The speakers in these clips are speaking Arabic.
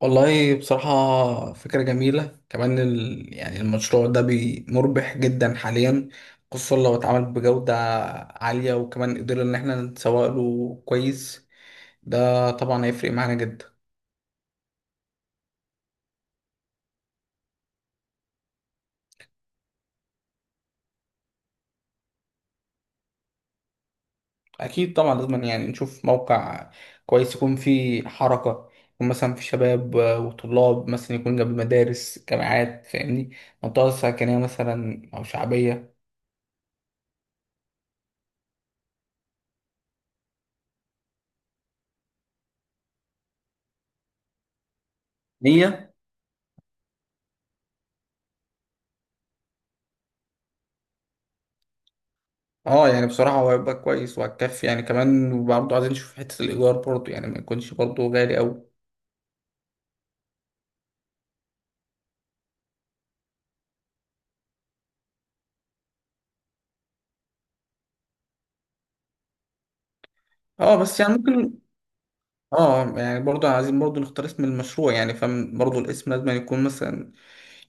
والله بصراحة فكرة جميلة كمان يعني المشروع ده مربح جدا حاليا، خصوصا لو اتعمل بجودة عالية، وكمان قدرنا إن احنا نسوق له كويس. ده طبعا هيفرق معانا جدا. أكيد طبعا لازم يعني نشوف موقع كويس يكون فيه حركة، يكون مثلا في شباب وطلاب، مثلا يكون جنب مدارس، جامعات، فاهمني؟ منطقة سكنية مثلا أو شعبية. نية. اه، يعني بصراحة هو هيبقى كويس وهتكفي، يعني كمان برضه عايزين نشوف حتة الإيجار برضه، يعني ما يكونش برضه غالي أوي. اه بس يعني ممكن. اه يعني برضه عايزين برضه نختار اسم المشروع، يعني فاهم؟ برضه الاسم لازم يكون مثلا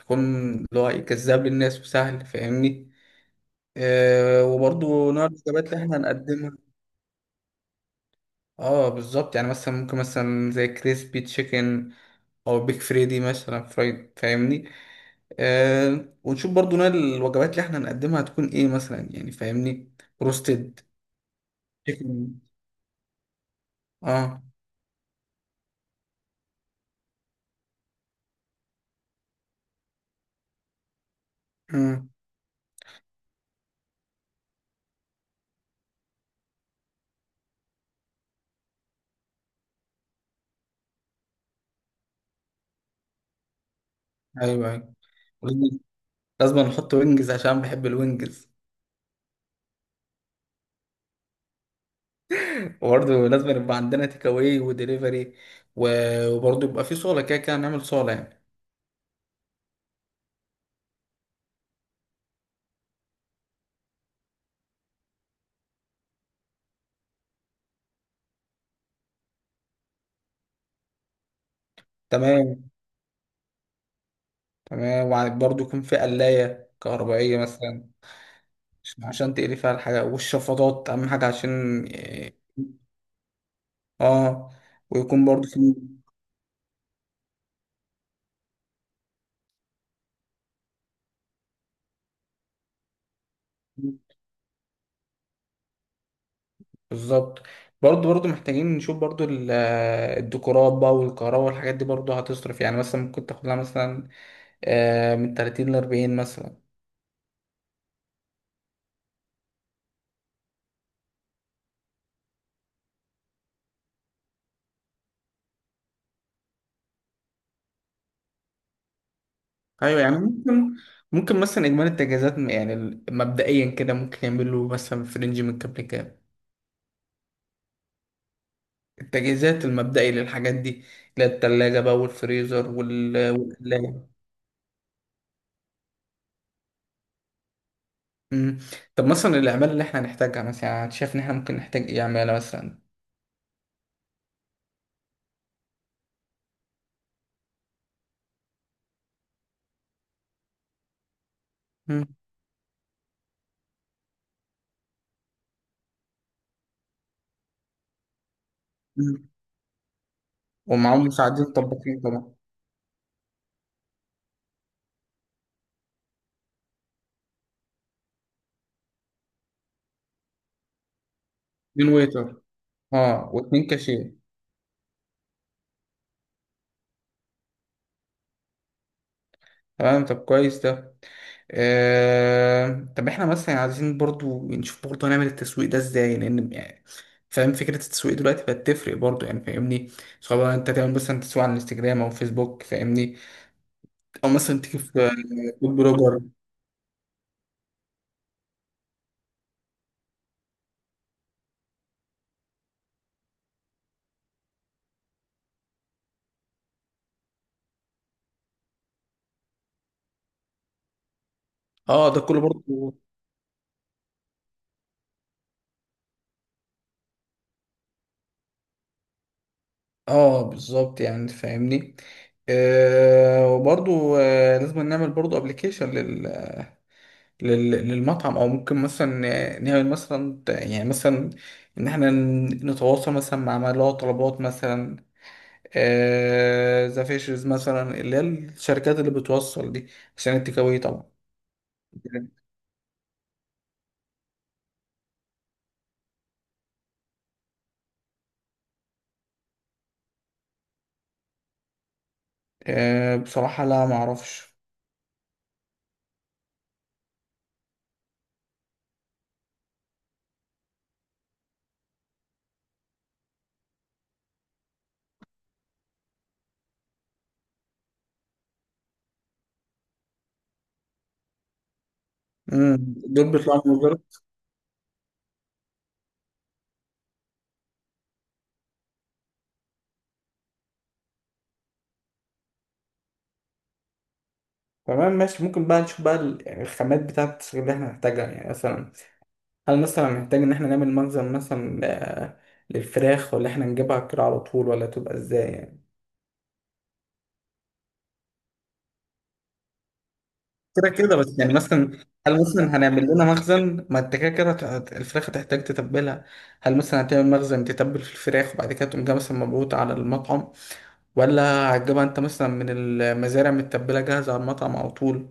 يكون اللي هو إيه، جذاب للناس وسهل، فاهمني؟ آه، وبرضه نوع الوجبات اللي احنا هنقدمها. اه بالظبط، يعني مثلا ممكن مثلا زي كريسبي تشيكن، أو بيك فريدي مثلا فرايد، فاهمني؟ آه، ونشوف برضو نوع الوجبات اللي احنا هنقدمها هتكون ايه مثلا، يعني فاهمني؟ روستد تشيكن. اه. مم. ايوه، ايوه. ولازم نحط وينجز عشان بحب الوينجز. وبرضه لازم يبقى عندنا تيك اواي ودليفري، وبرضه يبقى في صاله، كده كده نعمل صاله يعني. تمام، تمام. وبرضه يكون في قلايه كهربائيه مثلا، عشان تقلي فيها الحاجه، والشفاطات اهم حاجه عشان. اه. آه. ويكون برضه في. بالظبط. برضه محتاجين نشوف برضه الديكورات بقى والكهرباء والحاجات دي، برضه هتصرف، يعني مثلا ممكن تاخد لها مثلا من 30 ل 40 مثلا. ايوه يعني ممكن مثلا اجمالي التجهيزات، يعني مبدئيا كده ممكن يعمل له مثلا في رينج من كام لكام؟ التجهيزات المبدئي للحاجات دي اللي هي التلاجة بقى والفريزر والقلاية. مم. طب مثلا الأعمال اللي احنا هنحتاجها مثلا، يعني أنت شايف إن احنا ممكن نحتاج إيه؟ عمالة مثلا. مم. مم. ومعاهم مساعدين طباخين طبعا. 2 ويتر. اه، و2 كاشير. تمام، طب كويس ده. طب احنا مثلا عايزين برضو نشوف برضو هنعمل التسويق ده ازاي؟ لان يعني فاهم فكرة التسويق دلوقتي بقت تفرق برضو، يعني فاهمني؟ سواء انت تعمل مثلا تسويق على الانستجرام او فيسبوك، فاهمني؟ او مثلا تيجي في فود بلوجر. اه ده كله برضو. اه بالظبط، يعني فاهمني. وبرضو لازم نعمل برضو ابلكيشن للمطعم، او ممكن مثلا نعمل مثلا يعني مثلا ان احنا نتواصل مثلا مع ملاء طلبات، مثلا ذا فيشرز مثلا، اللي هي الشركات اللي بتوصل دي، عشان التيك أواي طبعا. آه، بصراحة لا، ما اعرفش. مم. دول بيطلعوا من الوزارة. تمام ماشي، ممكن بقى نشوف بقى يعني الخامات بتاعت اللي احنا هنحتاجها، يعني مثلا هل مثلا محتاج ان احنا نعمل مخزن مثلا للفراخ، ولا احنا نجيبها كده على طول، ولا تبقى ازاي يعني؟ كده كده بس يعني مثلا، هل مثلا هنعمل لنا مخزن؟ ما انت كده كده الفراخ هتحتاج تتبلها، هل مثلا هتعمل مخزن تتبل في الفراخ، وبعد كده تقوم جايبها مثلا مبعوث على المطعم، ولا هتجيبها انت مثلا من المزارع متبلة جاهزة على المطعم على طول؟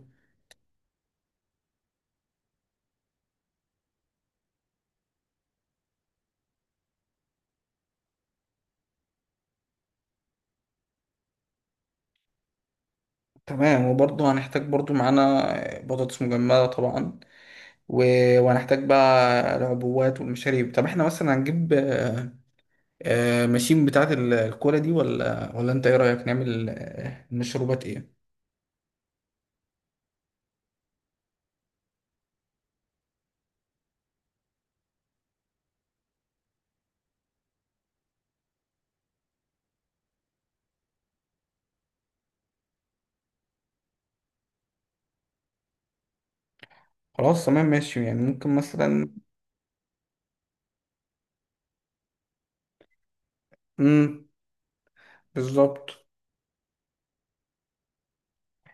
تمام، وبرضه هنحتاج برضه معانا بطاطس مجمدة طبعا، و... وهنحتاج بقى العبوات والمشاريب. طب احنا مثلا هنجيب ماشين بتاعة الكولا دي، ولا انت ايه رأيك؟ نعمل مشروبات ايه؟ خلاص تمام ماشي، يعني ممكن مثلا. امم بالظبط.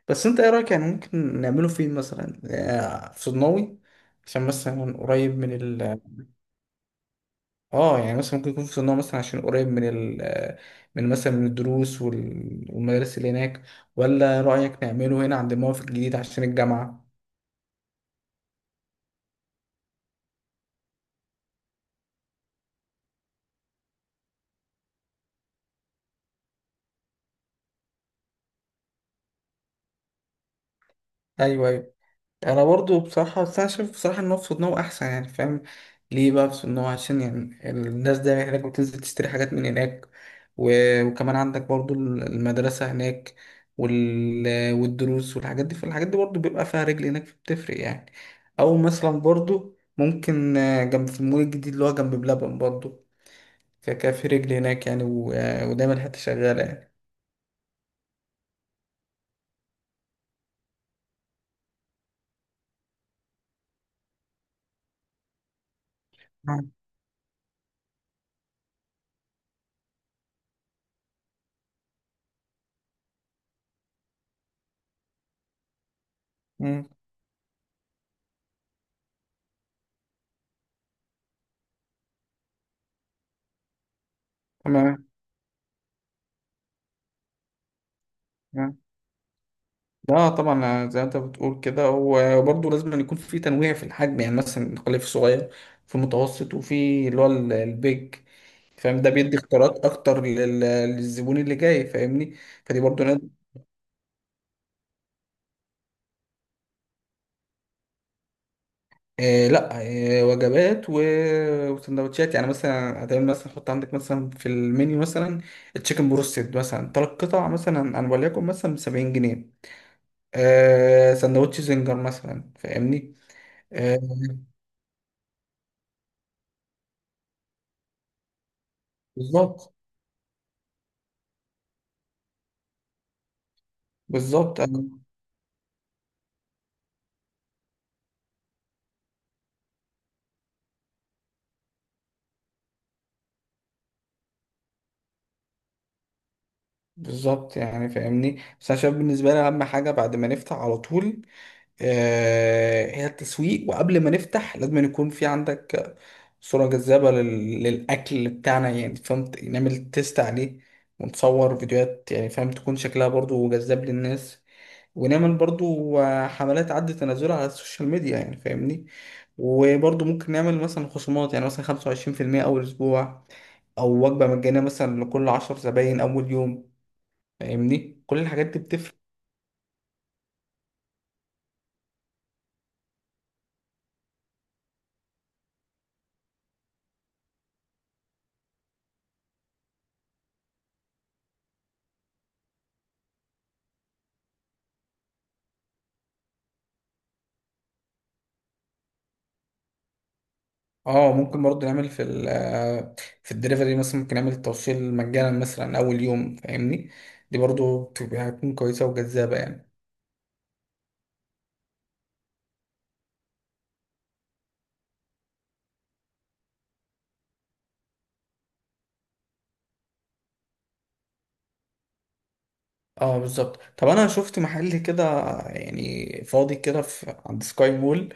بس انت ايه رايك؟ يعني ممكن نعمله فين مثلا في صدناوي، عشان مثلا قريب من ال. اه، يعني مثلا ممكن يكون في صدناوي مثلا، عشان قريب من ال من مثلا من الدروس والمدارس اللي هناك، ولا رايك نعمله هنا عند الموقف الجديد عشان الجامعه؟ ايوه، ايوه. انا برضو بصراحه، بس انا شايف بصراحه ان هو في صدنه احسن، يعني فاهم؟ ليه بقى في صدنه؟ عشان يعني الناس دايما هناك بتنزل تشتري حاجات من هناك، وكمان عندك برضو المدرسه هناك والدروس والحاجات دي، فالحاجات دي برضو بيبقى فيها رجل هناك، فبتفرق يعني. او مثلا برضو ممكن جنب في المول الجديد اللي هو جنب بلبن برضو، فكان في رجل هناك يعني ودايما الحته شغاله يعني. مم. مم. تمام. لا طبعا، زي ما انت بتقول كده، وبرضه لازم أن يكون في تنويع في الحجم، يعني مثلا الخلية في الصغير، في المتوسط، وفي اللي هو البيج، فاهم؟ ده بيدي اختيارات اكتر للزبون اللي جاي، فاهمني؟ فدي برضه نقدر- آه لا، آه وجبات وسندوتشات، يعني مثلا هتعمل مثلا، حط عندك مثلا في المنيو مثلا تشيكن بروستد مثلا 3 قطع مثلا، انا وليكن مثلا ب 70 جنيه، آه سندوتش زنجر مثلا، فاهمني؟ آه بالظبط، بالظبط، بالظبط، يعني فاهمني. بس انا شايف بالنسبه لي اهم حاجه بعد ما نفتح على طول، آه هي التسويق، وقبل ما نفتح لازم يكون في عندك صوره جذابه للاكل بتاعنا، يعني فهمت؟ نعمل تيست عليه ونصور فيديوهات، يعني فاهم؟ تكون شكلها برضو جذاب للناس، ونعمل برضو حملات عد تنازلها على السوشيال ميديا، يعني فاهمني؟ وبرضو ممكن نعمل مثلا خصومات، يعني مثلا 25% أول أسبوع، أو وجبة مجانية مثلا لكل 10 زباين أول يوم، فاهمني؟ كل الحاجات دي بتفرق. اه ممكن برضه نعمل في في الدليفري مثلا، ممكن نعمل التوصيل مجانا مثلا اول يوم، فاهمني؟ دي برضه بتبقى هتكون كويسه وجذابه يعني. اه بالظبط. طب انا شفت محل كده يعني فاضي كده، في عند سكاي مول،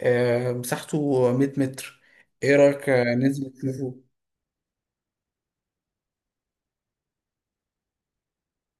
آه مساحته 100 متر. ايه رايك ننزل نشوفه؟